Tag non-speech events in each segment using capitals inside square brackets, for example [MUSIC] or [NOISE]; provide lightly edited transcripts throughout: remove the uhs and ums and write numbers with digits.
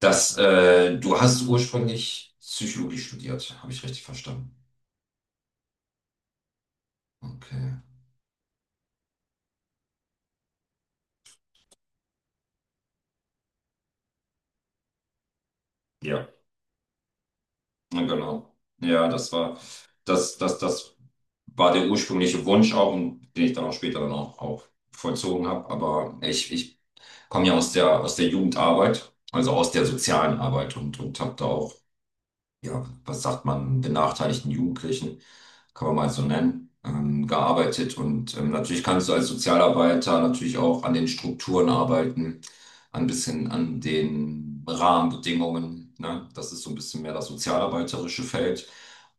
Du hast ursprünglich Psychologie studiert, habe ich richtig verstanden. Okay. Ja, na genau. Ja, das war der ursprüngliche Wunsch auch, und den ich dann auch später dann auch vollzogen habe. Aber ich komme ja aus der Jugendarbeit, also aus der sozialen Arbeit und habe da auch, ja, was sagt man, benachteiligten Jugendlichen, kann man mal so nennen, gearbeitet. Und natürlich kannst du als Sozialarbeiter natürlich auch an den Strukturen arbeiten, ein bisschen an den Rahmenbedingungen. Ne? Das ist so ein bisschen mehr das sozialarbeiterische Feld.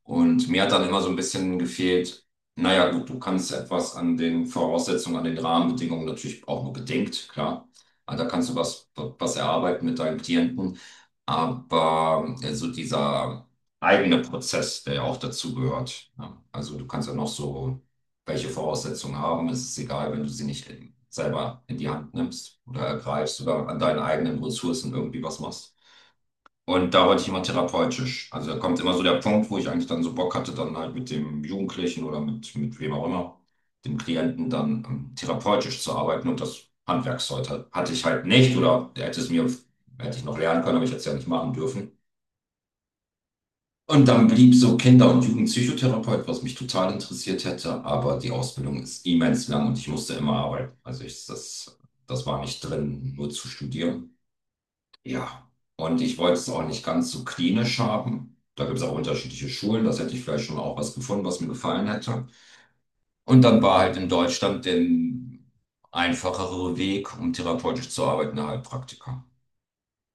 Und mir hat dann immer so ein bisschen gefehlt, naja, gut, du kannst etwas an den Voraussetzungen, an den Rahmenbedingungen natürlich auch nur bedingt, klar. Aber da kannst du was, was erarbeiten mit deinen Klienten. Aber so dieser eigene Prozess, der ja auch dazu gehört. Ja. Also du kannst ja noch so welche Voraussetzungen haben. Es ist egal, wenn du sie nicht in, selber in die Hand nimmst oder ergreifst oder an deinen eigenen Ressourcen irgendwie was machst. Und da wollte ich immer therapeutisch. Also da kommt immer so der Punkt, wo ich eigentlich dann so Bock hatte, dann halt mit dem Jugendlichen oder mit wem auch immer, dem Klienten dann therapeutisch zu arbeiten. Und das Handwerkszeug hatte ich halt nicht oder hätte es mir, hätte ich noch lernen können, aber ich hätte es ja nicht machen dürfen. Und dann blieb so Kinder- und Jugendpsychotherapeut, was mich total interessiert hätte, aber die Ausbildung ist immens lang und ich musste immer arbeiten. Also das war nicht drin, nur zu studieren. Ja, und ich wollte es auch nicht ganz so klinisch haben. Da gibt es auch unterschiedliche Schulen. Das hätte ich vielleicht schon auch was gefunden, was mir gefallen hätte. Und dann war halt in Deutschland der einfachere Weg, um therapeutisch zu arbeiten, der Heilpraktiker.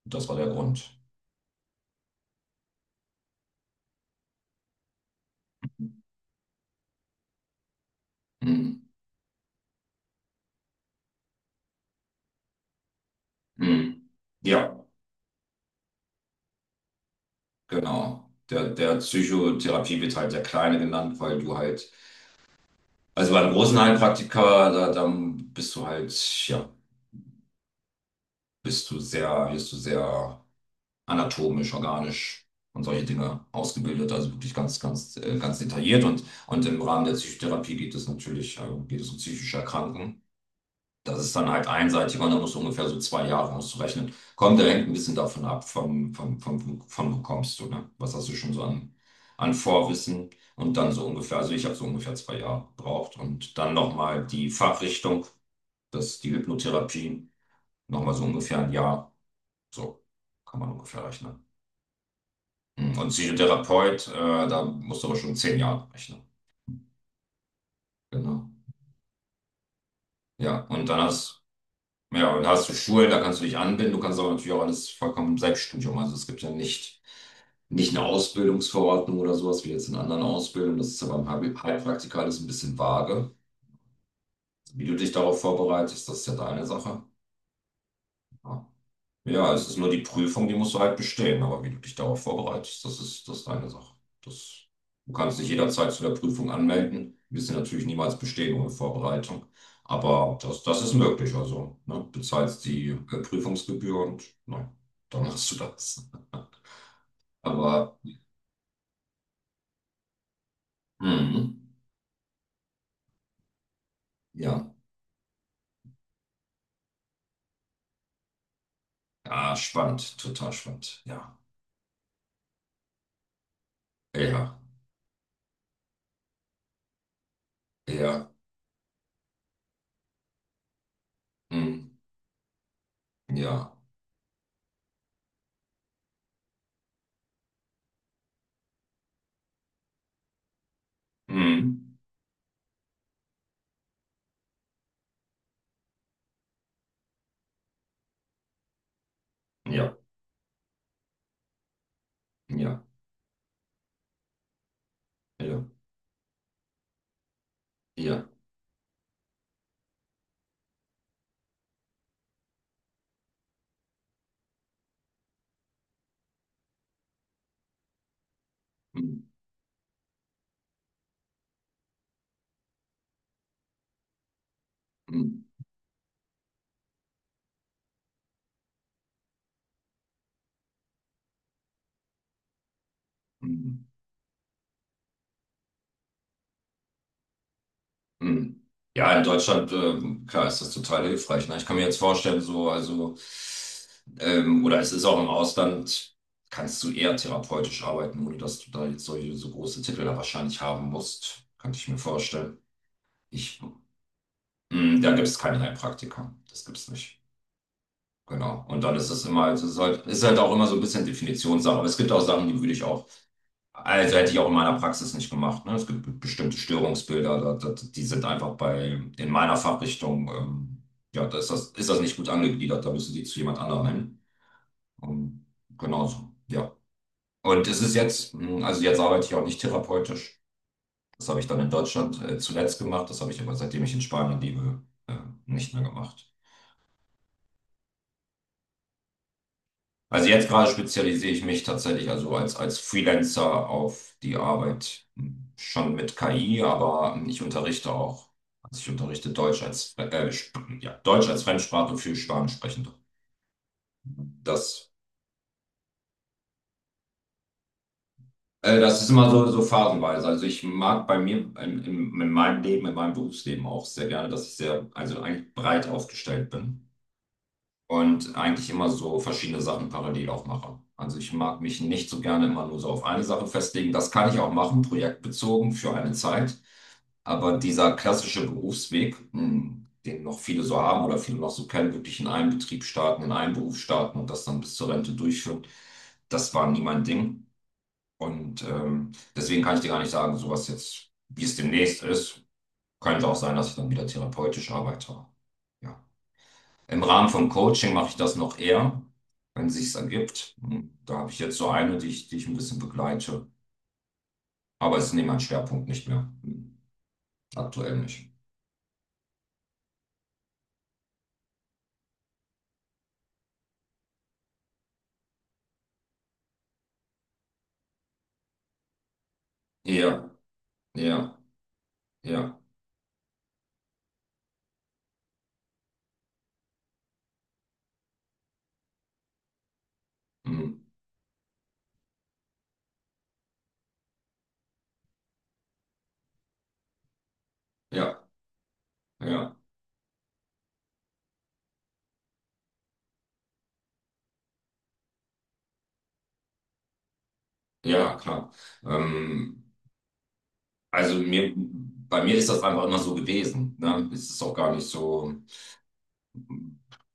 Das war der Grund. Hm. Hm. Ja, genau. Der Psychotherapie wird halt der Kleine genannt, weil du halt, also bei einem großen Heilpraktiker, dann bist du halt, ja, bist du sehr, wirst du sehr anatomisch, organisch und solche Dinge ausgebildet, also wirklich ganz detailliert. Und im Rahmen der Psychotherapie geht es natürlich, geht es um psychische Erkrankungen. Das ist dann halt einseitiger und da musst du ungefähr so zwei Jahre auszurechnen, kommt, der hängt ein bisschen davon ab, von wo kommst du, ne? Was hast du schon so an, an Vorwissen? Und dann so ungefähr, also ich habe so ungefähr zwei Jahre gebraucht. Und dann nochmal die Fachrichtung, das, die Hypnotherapie, nochmal so ungefähr ein Jahr. So kann man ungefähr rechnen. Mhm. Und Psychotherapeut, da musst du aber schon zehn Jahre rechnen. Genau. Ja, und hast du Schulen, da kannst du dich anbinden, du kannst aber natürlich auch alles vollkommen im Selbststudium. Also es gibt ja nicht eine Ausbildungsverordnung oder sowas wie jetzt in anderen Ausbildungen. Das ist ja beim Heilpraktiker alles ein bisschen vage. Wie du dich darauf vorbereitest, das ist ja deine Sache. Ja. Ja, es ist nur die Prüfung, die musst du halt bestehen. Aber wie du dich darauf vorbereitest, das ist deine Sache. Das, du kannst dich jederzeit zu der Prüfung anmelden. Wirst sie natürlich niemals bestehen ohne Vorbereitung. Aber das, das ist möglich. Also, ne, bezahlst die Prüfungsgebühr und na, dann machst du das. [LAUGHS] Aber, mhm, ja, ja, spannend, total spannend. Ja, ja, ja, mm, ja, mm, ja, ja, ja, ja, mm, mm, mm. Hm. Ja, in Deutschland, klar, ist das total hilfreich. Ne? Ich kann mir jetzt vorstellen, so, also, oder es ist auch im Ausland, kannst du eher therapeutisch arbeiten, ohne dass du da jetzt solche so große Titel da wahrscheinlich haben musst, könnte ich mir vorstellen. Ich, da gibt es keinen Heilpraktiker. Das gibt es nicht. Genau. Und dann ist es immer, also es ist halt auch immer so ein bisschen Definitionssache. Aber es gibt auch Sachen, die würde ich auch. Also hätte ich auch in meiner Praxis nicht gemacht. Ne? Es gibt bestimmte Störungsbilder, die sind einfach bei, in meiner Fachrichtung, ja, da ist das nicht gut angegliedert, da müssen die zu jemand anderem hin. Und genauso, ja. Und es ist jetzt, also jetzt arbeite ich auch nicht therapeutisch. Das habe ich dann in Deutschland zuletzt gemacht, das habe ich aber seitdem ich in Spanien lebe, nicht mehr gemacht. Also jetzt gerade spezialisiere ich mich tatsächlich also als Freelancer auf die Arbeit, schon mit KI, aber ich unterrichte auch, also ich unterrichte Deutsch als Fremdsprache für Spanischsprechende. Das, das ist immer so, so phasenweise. Also ich mag bei mir in, in meinem Leben, in meinem Berufsleben auch sehr gerne, dass ich sehr, also eigentlich breit aufgestellt bin. Und eigentlich immer so verschiedene Sachen parallel auch mache. Also ich mag mich nicht so gerne immer nur so auf eine Sache festlegen. Das kann ich auch machen, projektbezogen für eine Zeit. Aber dieser klassische Berufsweg, den noch viele so haben oder viele noch so kennen, wirklich in einem Betrieb starten, in einem Beruf starten und das dann bis zur Rente durchführen, das war nie mein Ding. Und deswegen kann ich dir gar nicht sagen, so was jetzt, wie es demnächst ist. Könnte auch sein, dass ich dann wieder therapeutisch arbeite. Ja. Im Rahmen von Coaching mache ich das noch eher, wenn es sich ergibt. Und da habe ich jetzt so eine, die ich ein bisschen begleite. Aber es ist nicht mein Schwerpunkt nicht mehr. Hm. Aktuell nicht. Ja, ja, ja, hm. Ja, ja, ja, klar. Ähm, also mir, bei mir ist das einfach immer so gewesen. Ne? Es ist auch gar nicht so.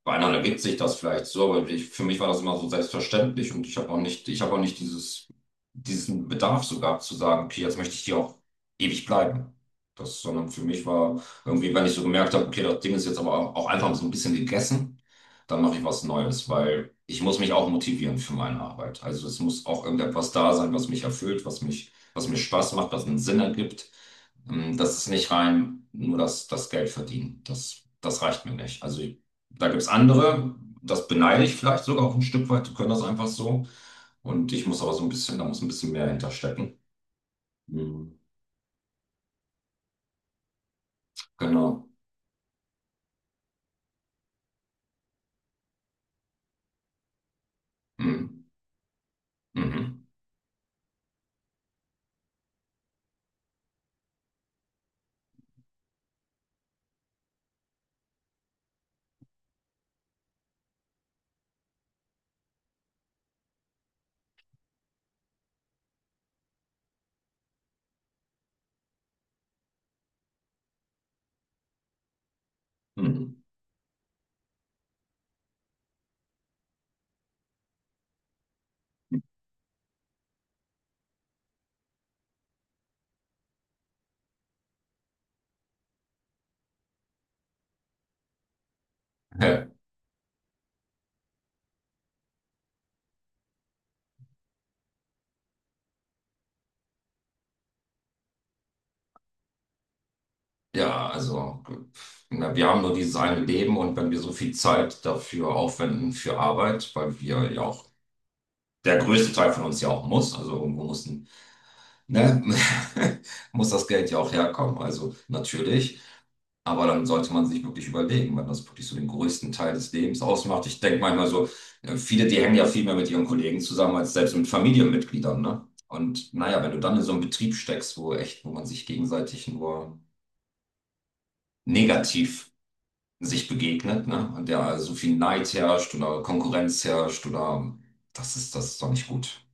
Bei anderen ergibt sich das vielleicht so, aber ich, für mich war das immer so selbstverständlich und ich habe auch nicht, ich habe auch nicht dieses, diesen Bedarf so gehabt zu sagen, okay, jetzt möchte ich hier auch ewig bleiben. Das, sondern für mich war irgendwie, wenn ich so gemerkt habe, okay, das Ding ist jetzt aber auch einfach so ein bisschen gegessen, dann mache ich was Neues, weil ich muss mich auch motivieren für meine Arbeit. Also es muss auch irgendetwas da sein, was mich erfüllt, was mich, was mir Spaß macht, was einen Sinn ergibt. Das ist nicht rein nur das Geld verdienen. Das reicht mir nicht. Also da gibt es andere, das beneide ich vielleicht sogar auch ein Stück weit, die können das einfach so. Und ich muss aber so ein bisschen, da muss ein bisschen mehr hinterstecken. Mhm. Genau. Mhm. Mhm. Mhm. Ja, ja, also pf, na, wir haben nur dieses eine Leben und wenn wir so viel Zeit dafür aufwenden für Arbeit, weil wir ja auch, der größte Teil von uns ja auch muss, also irgendwo muss, ne, [LAUGHS] muss das Geld ja auch herkommen. Also natürlich. Aber dann sollte man sich wirklich überlegen, wenn das wirklich so den größten Teil des Lebens ausmacht. Ich denke manchmal so, viele, die hängen ja viel mehr mit ihren Kollegen zusammen als selbst mit Familienmitgliedern, ne? Und naja, wenn du dann in so einem Betrieb steckst, wo echt, wo man sich gegenseitig nur negativ sich begegnet, ne? Und der so viel Neid herrscht oder Konkurrenz herrscht oder das ist doch nicht gut.